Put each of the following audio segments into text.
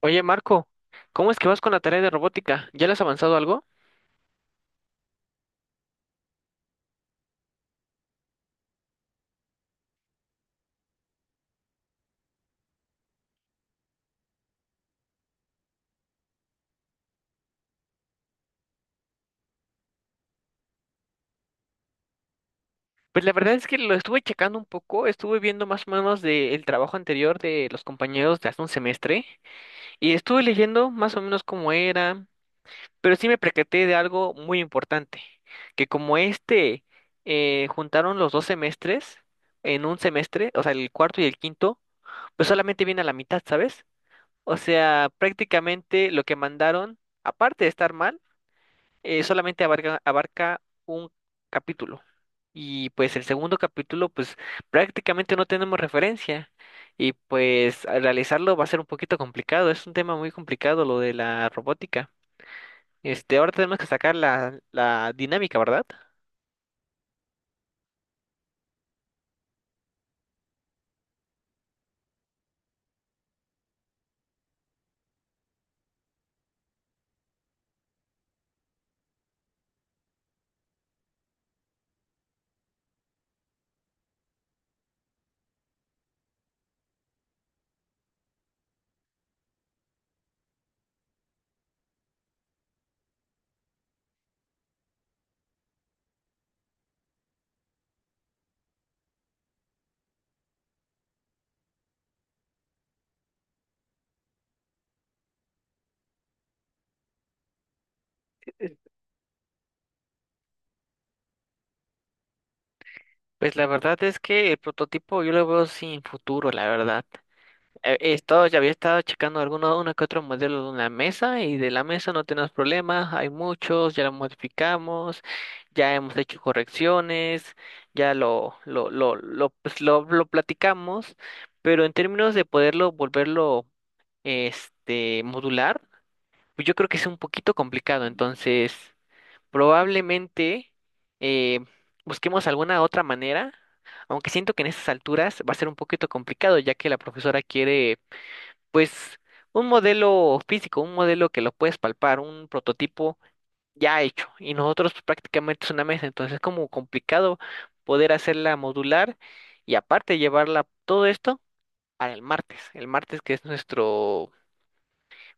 Oye, Marco, ¿cómo es que vas con la tarea de robótica? ¿Ya le has avanzado algo? Pues la verdad es que lo estuve checando un poco, estuve viendo más o menos del trabajo anterior de los compañeros de hace un semestre y estuve leyendo más o menos cómo era, pero sí me percaté de algo muy importante, que como este juntaron los dos semestres en un semestre, o sea, el cuarto y el quinto, pues solamente viene a la mitad, ¿sabes? O sea, prácticamente lo que mandaron, aparte de estar mal, solamente abarca un capítulo. Y pues el segundo capítulo, pues prácticamente no tenemos referencia. Y pues al realizarlo va a ser un poquito complicado. Es un tema muy complicado lo de la robótica. Este, ahora tenemos que sacar la dinámica, ¿verdad? Pues la verdad es que el prototipo yo lo veo sin futuro, la verdad. Ya había estado checando algunos, uno que otro modelo de una mesa y de la mesa no tenemos problemas, hay muchos, ya lo modificamos, ya hemos hecho correcciones, ya lo platicamos, pero en términos de poderlo, volverlo, este, modular, pues yo creo que es un poquito complicado, entonces probablemente eh, busquemos alguna otra manera, aunque siento que en estas alturas va a ser un poquito complicado, ya que la profesora quiere pues un modelo físico, un modelo que lo puedes palpar, un prototipo ya hecho. Y nosotros pues, prácticamente es una mesa, entonces es como complicado poder hacerla modular y aparte llevarla todo esto para el martes que es nuestro,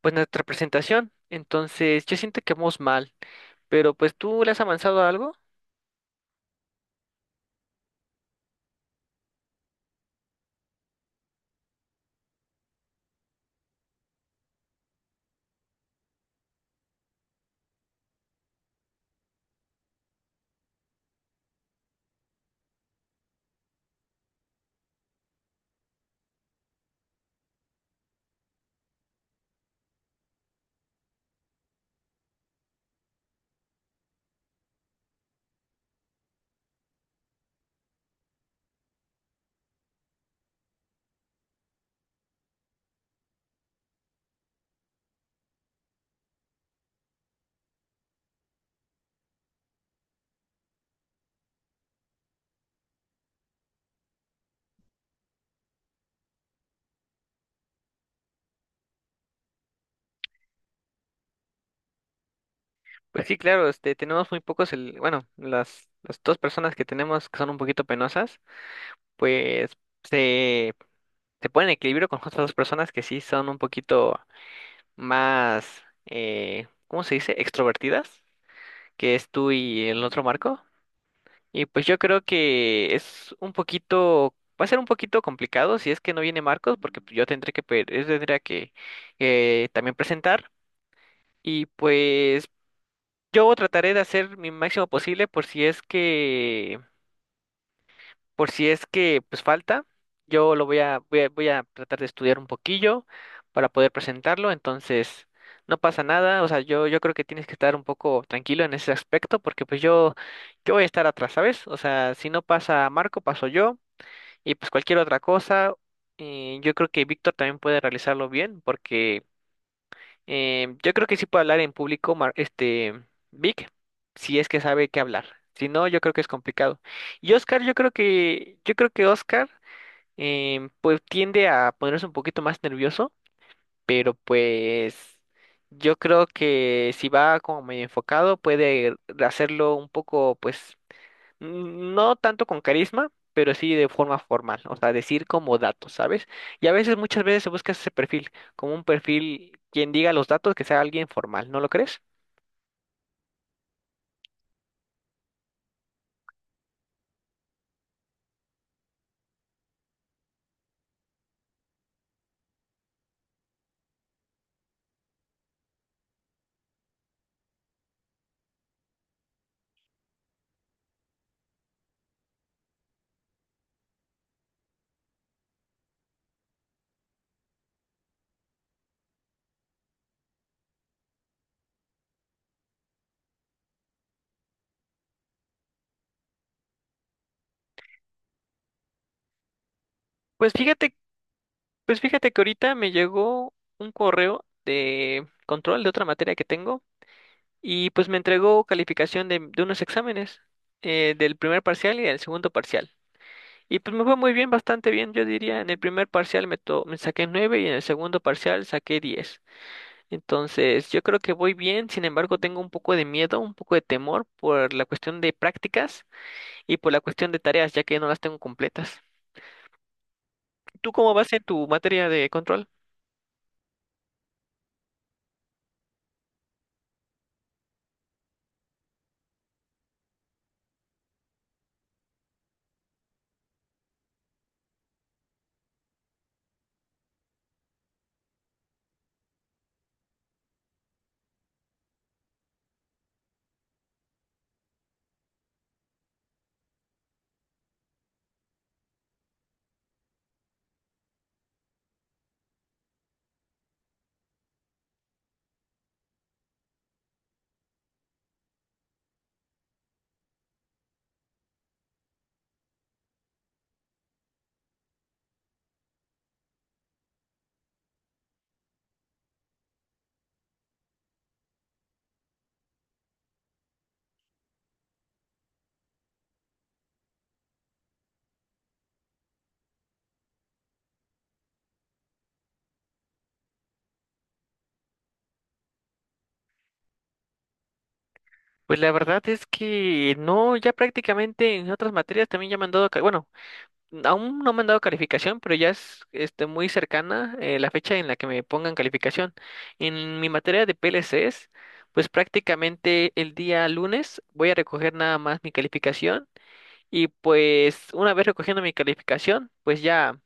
pues nuestra presentación. Entonces yo siento que vamos mal, pero pues tú le has avanzado a algo. Pues sí, claro, este, tenemos muy pocos, bueno, las dos personas que tenemos que son un poquito penosas, pues se se pone en equilibrio con otras dos personas que sí son un poquito más, ¿cómo se dice? Extrovertidas, que es tú y el otro Marco. Y pues yo creo que es un poquito, va a ser un poquito complicado si es que no viene Marcos, porque yo tendré que, yo tendría que también presentar. Y pues yo trataré de hacer mi máximo posible por si es que pues falta. Yo lo voy a tratar de estudiar un poquillo para poder presentarlo, entonces no pasa nada, o sea, yo creo que tienes que estar un poco tranquilo en ese aspecto, porque pues yo voy a estar atrás, ¿sabes? O sea, si no pasa Marco, paso yo, y pues cualquier otra cosa, yo creo que Víctor también puede realizarlo bien, porque yo creo que sí puede hablar en público, este, Vic, si es que sabe qué hablar. Si no, yo creo que es complicado. Y Oscar, yo creo que Oscar, pues tiende a ponerse un poquito más nervioso, pero pues yo creo que si va como medio enfocado, puede hacerlo un poco, pues no tanto con carisma, pero sí de forma formal, o sea, decir como datos, ¿sabes? Y a veces, muchas veces se busca ese perfil, como un perfil quien diga los datos, que sea alguien formal, ¿no lo crees? Pues fíjate, pues fíjate que ahorita me llegó un correo de control de otra materia que tengo y pues me entregó calificación de unos exámenes, del primer parcial y del segundo parcial. Y pues me fue muy bien, bastante bien, yo diría, en el primer parcial me saqué 9 y en el segundo parcial saqué 10. Entonces, yo creo que voy bien, sin embargo, tengo un poco de miedo, un poco de temor por la cuestión de prácticas y por la cuestión de tareas, ya que no las tengo completas. ¿Tú cómo vas en tu materia de control? Pues la verdad es que no, ya prácticamente en otras materias también ya me han dado, bueno, aún no me han dado calificación, pero ya es este, muy cercana la fecha en la que me pongan calificación. En mi materia de PLCs, pues prácticamente el día lunes voy a recoger nada más mi calificación. Y pues una vez recogiendo mi calificación, pues ya,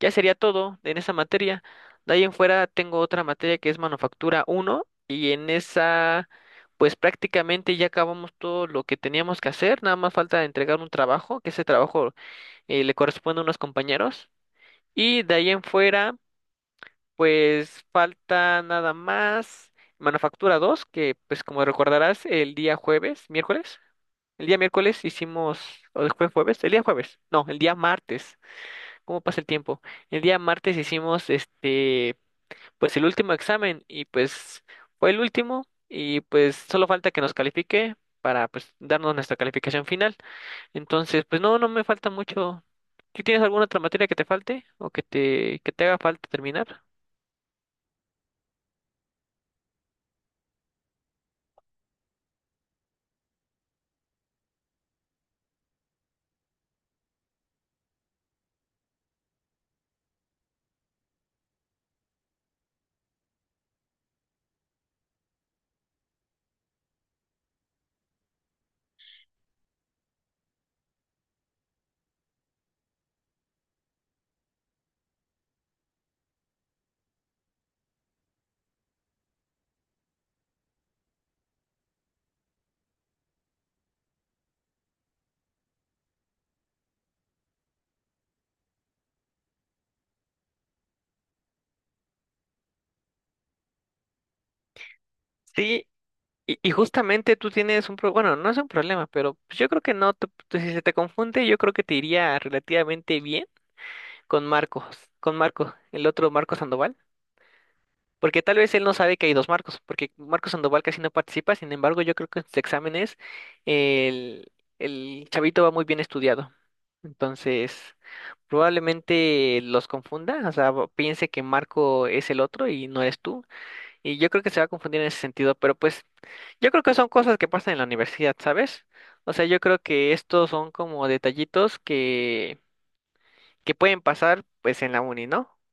ya sería todo en esa materia. De ahí en fuera tengo otra materia que es Manufactura uno y en esa pues prácticamente ya acabamos todo lo que teníamos que hacer, nada más falta entregar un trabajo, que ese trabajo le corresponde a unos compañeros. Y de ahí en fuera pues falta nada más Manufactura 2 que pues como recordarás el día jueves, miércoles. El día miércoles hicimos, o después jueves, el día jueves, no, el día martes, ¿cómo pasa el tiempo? El día martes hicimos este, pues el último examen y pues fue el último y pues solo falta que nos califique para pues darnos nuestra calificación final. Entonces, pues no, no me falta mucho. ¿Tú tienes alguna otra materia que te falte o que te haga falta terminar? Sí, y justamente tú tienes un problema, bueno, no es un problema, pero pues, yo creo que no, si se te confunde, yo creo que te iría relativamente bien. Con Marcos, con Marco, el otro Marco Sandoval, porque tal vez él no sabe que hay dos Marcos, porque Marco Sandoval casi no participa, sin embargo, yo creo que en sus exámenes el, el chavito va muy bien estudiado. Entonces, probablemente los confunda, o sea, piense que Marco es el otro y no eres tú, y yo creo que se va a confundir en ese sentido, pero pues yo creo que son cosas que pasan en la universidad, ¿sabes? O sea, yo creo que estos son como detallitos que pueden pasar pues en la uni, ¿no?